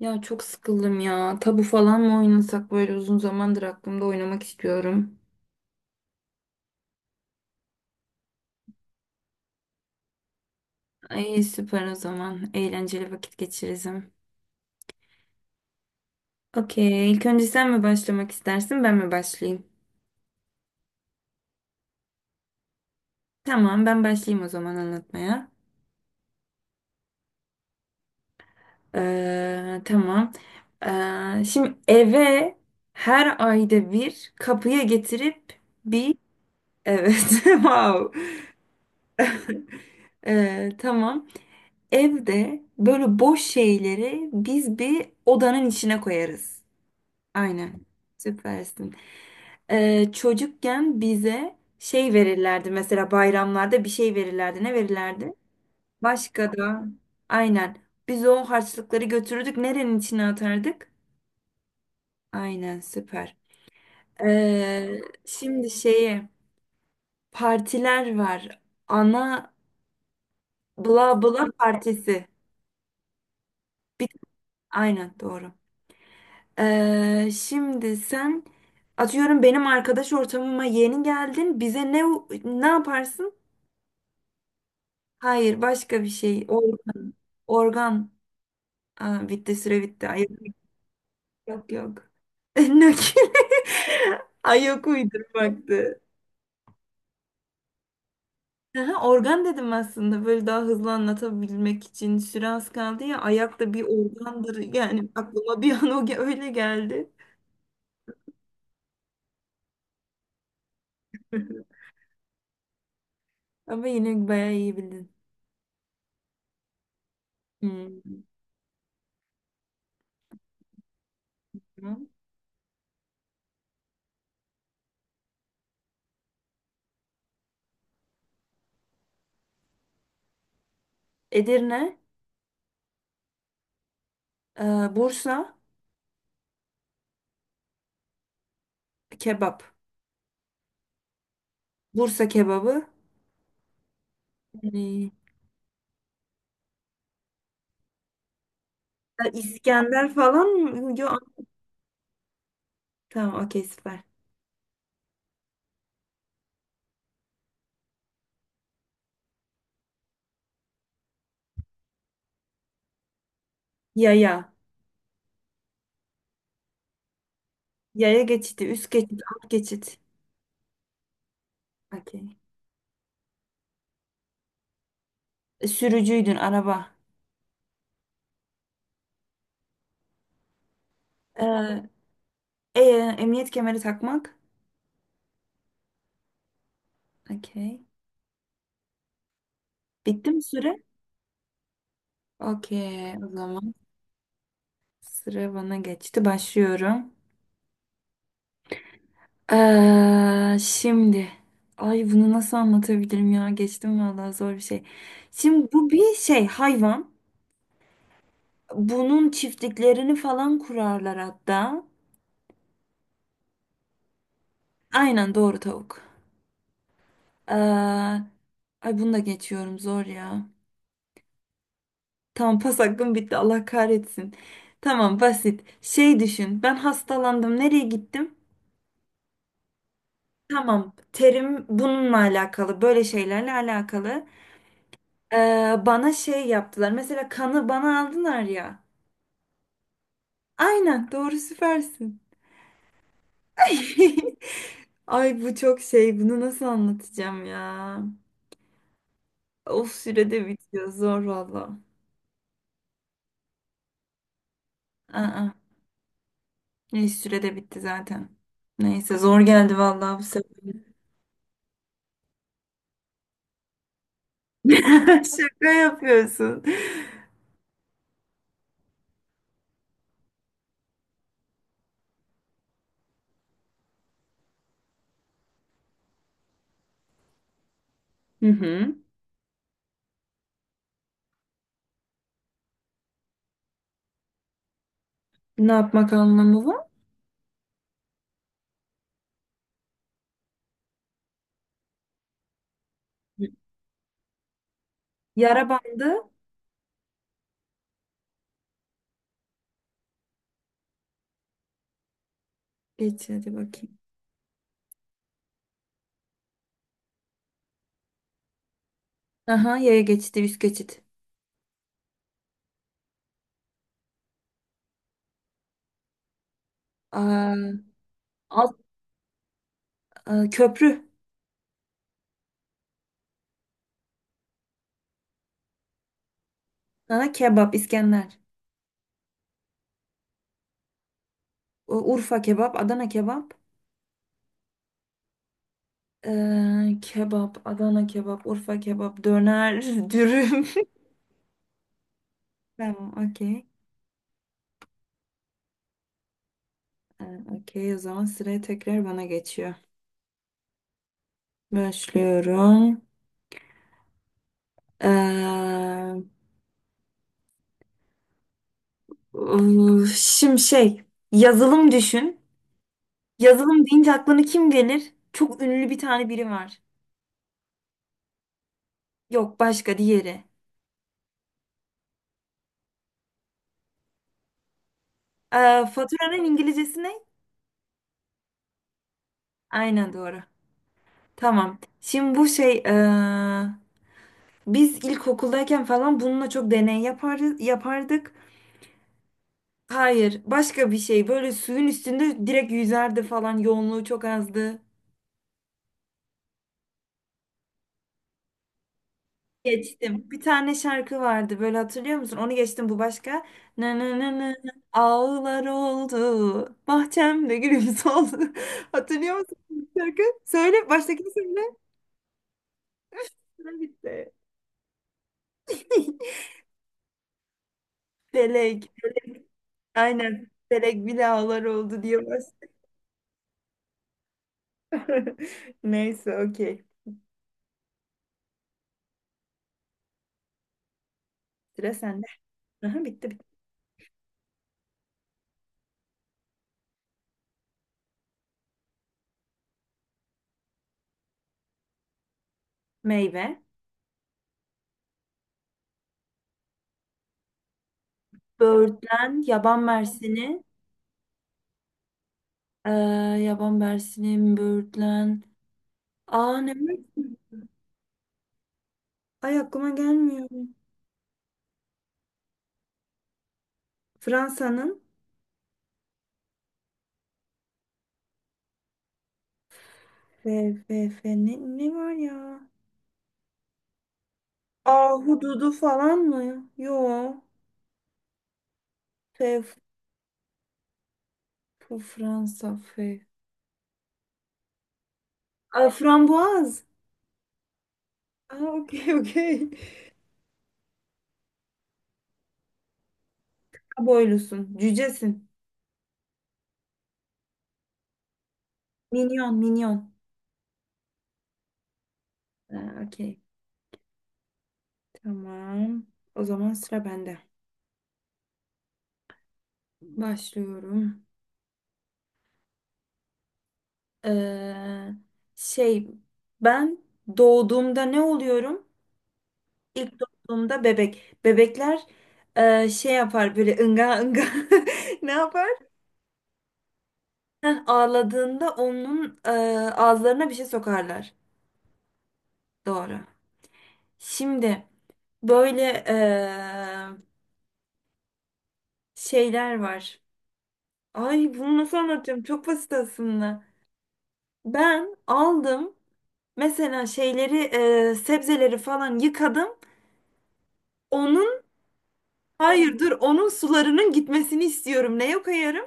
Ya çok sıkıldım ya. Tabu falan mı oynasak böyle uzun zamandır aklımda oynamak istiyorum. Ay süper o zaman. Eğlenceli vakit geçiririm. Okey. İlk önce sen mi başlamak istersin, ben mi başlayayım? Tamam, ben başlayayım o zaman anlatmaya. Tamam. Şimdi eve her ayda bir kapıya getirip bir... Evet, wow. Tamam. Evde böyle boş şeyleri biz bir odanın içine koyarız. Aynen. Süpersin. Çocukken bize şey verirlerdi. Mesela bayramlarda bir şey verirlerdi. Ne verirlerdi? Başka da. Aynen. Biz o harçlıkları götürürdük. Nerenin içine atardık? Aynen süper. Şimdi şeyi partiler var. Ana bla bla partisi. Bir, aynen doğru. Şimdi sen atıyorum benim arkadaş ortamıma yeni geldin. Bize ne yaparsın? Hayır, başka bir şey. Organ. Aa, bitti süre bitti. Ay, yok yok. Nakil. Ay yok uydurmaktı. Aha, organ dedim aslında böyle daha hızlı anlatabilmek için süre az kaldı ya ayak da bir organdır yani aklıma bir an öyle geldi. Ama yine bayağı iyi bildin. Hmm. Tamam. Edirne. Bursa kebap. Bursa kebabı. Hmm. Ya İskender falan mı? Yok. Tamam okey süper. Yaya. Yaya geçidi. Üst geçit. Alt geçit. Okey. Sürücüydün araba. Ee, e, emniyet kemeri takmak. Okey. Bitti mi süre? Okey. O zaman sıra bana geçti. Başlıyorum. Şimdi. Ay bunu nasıl anlatabilirim ya? Geçtim vallahi zor bir şey. Şimdi bu bir şey hayvan. Bunun çiftliklerini falan kurarlar hatta. Aynen doğru tavuk. Ee, Ay bunu da geçiyorum zor ya. Tamam pas hakkım bitti Allah kahretsin. Tamam basit. Şey düşün ben hastalandım nereye gittim? Tamam terim bununla alakalı böyle şeylerle alakalı. Bana şey yaptılar mesela kanı bana aldılar ya. Aynen doğru süpersin. Ay bu çok şey bunu nasıl anlatacağım ya. Of sürede bitiyor. Zor valla. Aa, ne sürede bitti zaten. Neyse zor geldi valla bu sefer. Şaka yapıyorsun. Hı hı. Ne yapmak anlamı var? Yara bandı. Geç hadi bakayım. Aha yaya geçidi üst geçit. Aa, alt, aa, köprü. Aha, kebap İskender. Urfa kebap Adana kebap. Kebap Adana kebap Urfa kebap döner dürüm. Tamam okey. Ee, Okey, o zaman sıraya tekrar bana geçiyor. Başlıyorum. Ee, şimdi şey, yazılım düşün. Yazılım deyince aklına kim gelir? Çok ünlü bir tane biri var. Yok, başka diğeri. Faturanın İngilizcesi ne? Aynen doğru. Tamam. Şimdi bu şey, biz ilkokuldayken falan bununla çok deney yapardık. Hayır, başka bir şey. Böyle suyun üstünde direkt yüzerdi falan. Yoğunluğu çok azdı. Geçtim. Bir tane şarkı vardı böyle hatırlıyor musun? Onu geçtim bu başka. Na na na na na. Ağlar oldu. Bahçemde gülüm soldu. Hatırlıyor musun bu şarkı? Söyle baştakini söyle. Sıra bitti. Felek. Felek. Aynen. Felek bile ağlar oldu diye başlıyor. Neyse okey. Sıra sende. Aha, bitti bitti. Meyve. Böğürtlen. Yaban mersini. Ee, yaban mersini. Böğürtlen. Aa ne var? Ay aklıma gelmiyor. Fransa'nın F, F, F, ne var ya? Ahududu falan mı? Yo. F, Fransa F. Ay, frambuaz. Aa, okey okey. Boylusun. Cücesin. Minyon minyon. Aa, okey. Tamam. O zaman sıra bende. Başlıyorum. Ee, şey ben doğduğumda ne oluyorum? İlk doğduğumda bebek. Bebekler şey yapar böyle ınga ınga ne yapar? Heh, ağladığında onun ağızlarına bir şey sokarlar. Doğru. Şimdi böyle e, şeyler var. Ay bunu nasıl anlatacağım? Çok basit aslında. Ben aldım mesela şeyleri sebzeleri falan yıkadım. Onun hayır dur onun sularının gitmesini istiyorum. Neye koyarım?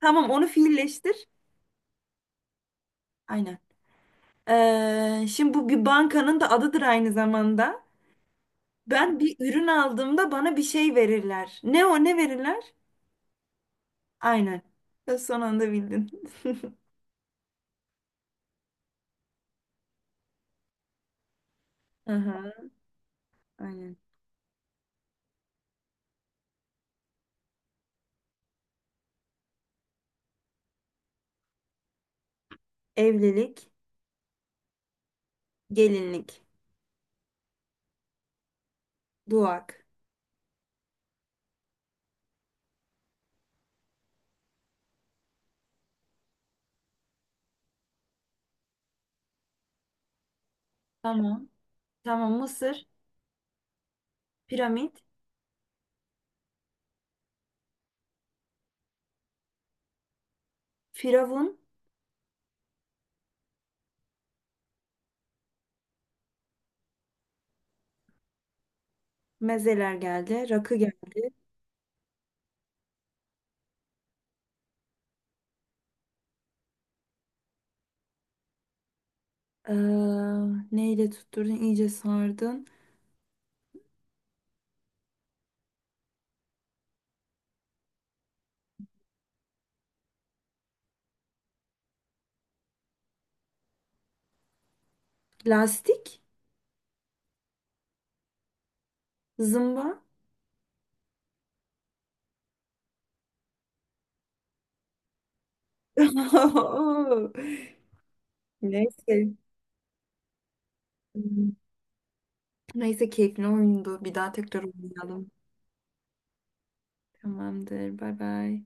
Tamam onu fiilleştir. Aynen. Şimdi bu bir bankanın da adıdır aynı zamanda. Ben bir ürün aldığımda bana bir şey verirler. Ne o ne verirler? Aynen. Ya son anda bildin. Aha, aynen. Evlilik, gelinlik, duak. Tamam. Tamam Mısır, piramit, firavun, mezeler geldi, rakı geldi. Ee, neyle tutturdun? İyice sardın. Lastik, zımba. Oo, neyse. Neyse keyifli oyundu. Bir daha tekrar oynayalım. Tamamdır. Bay bay.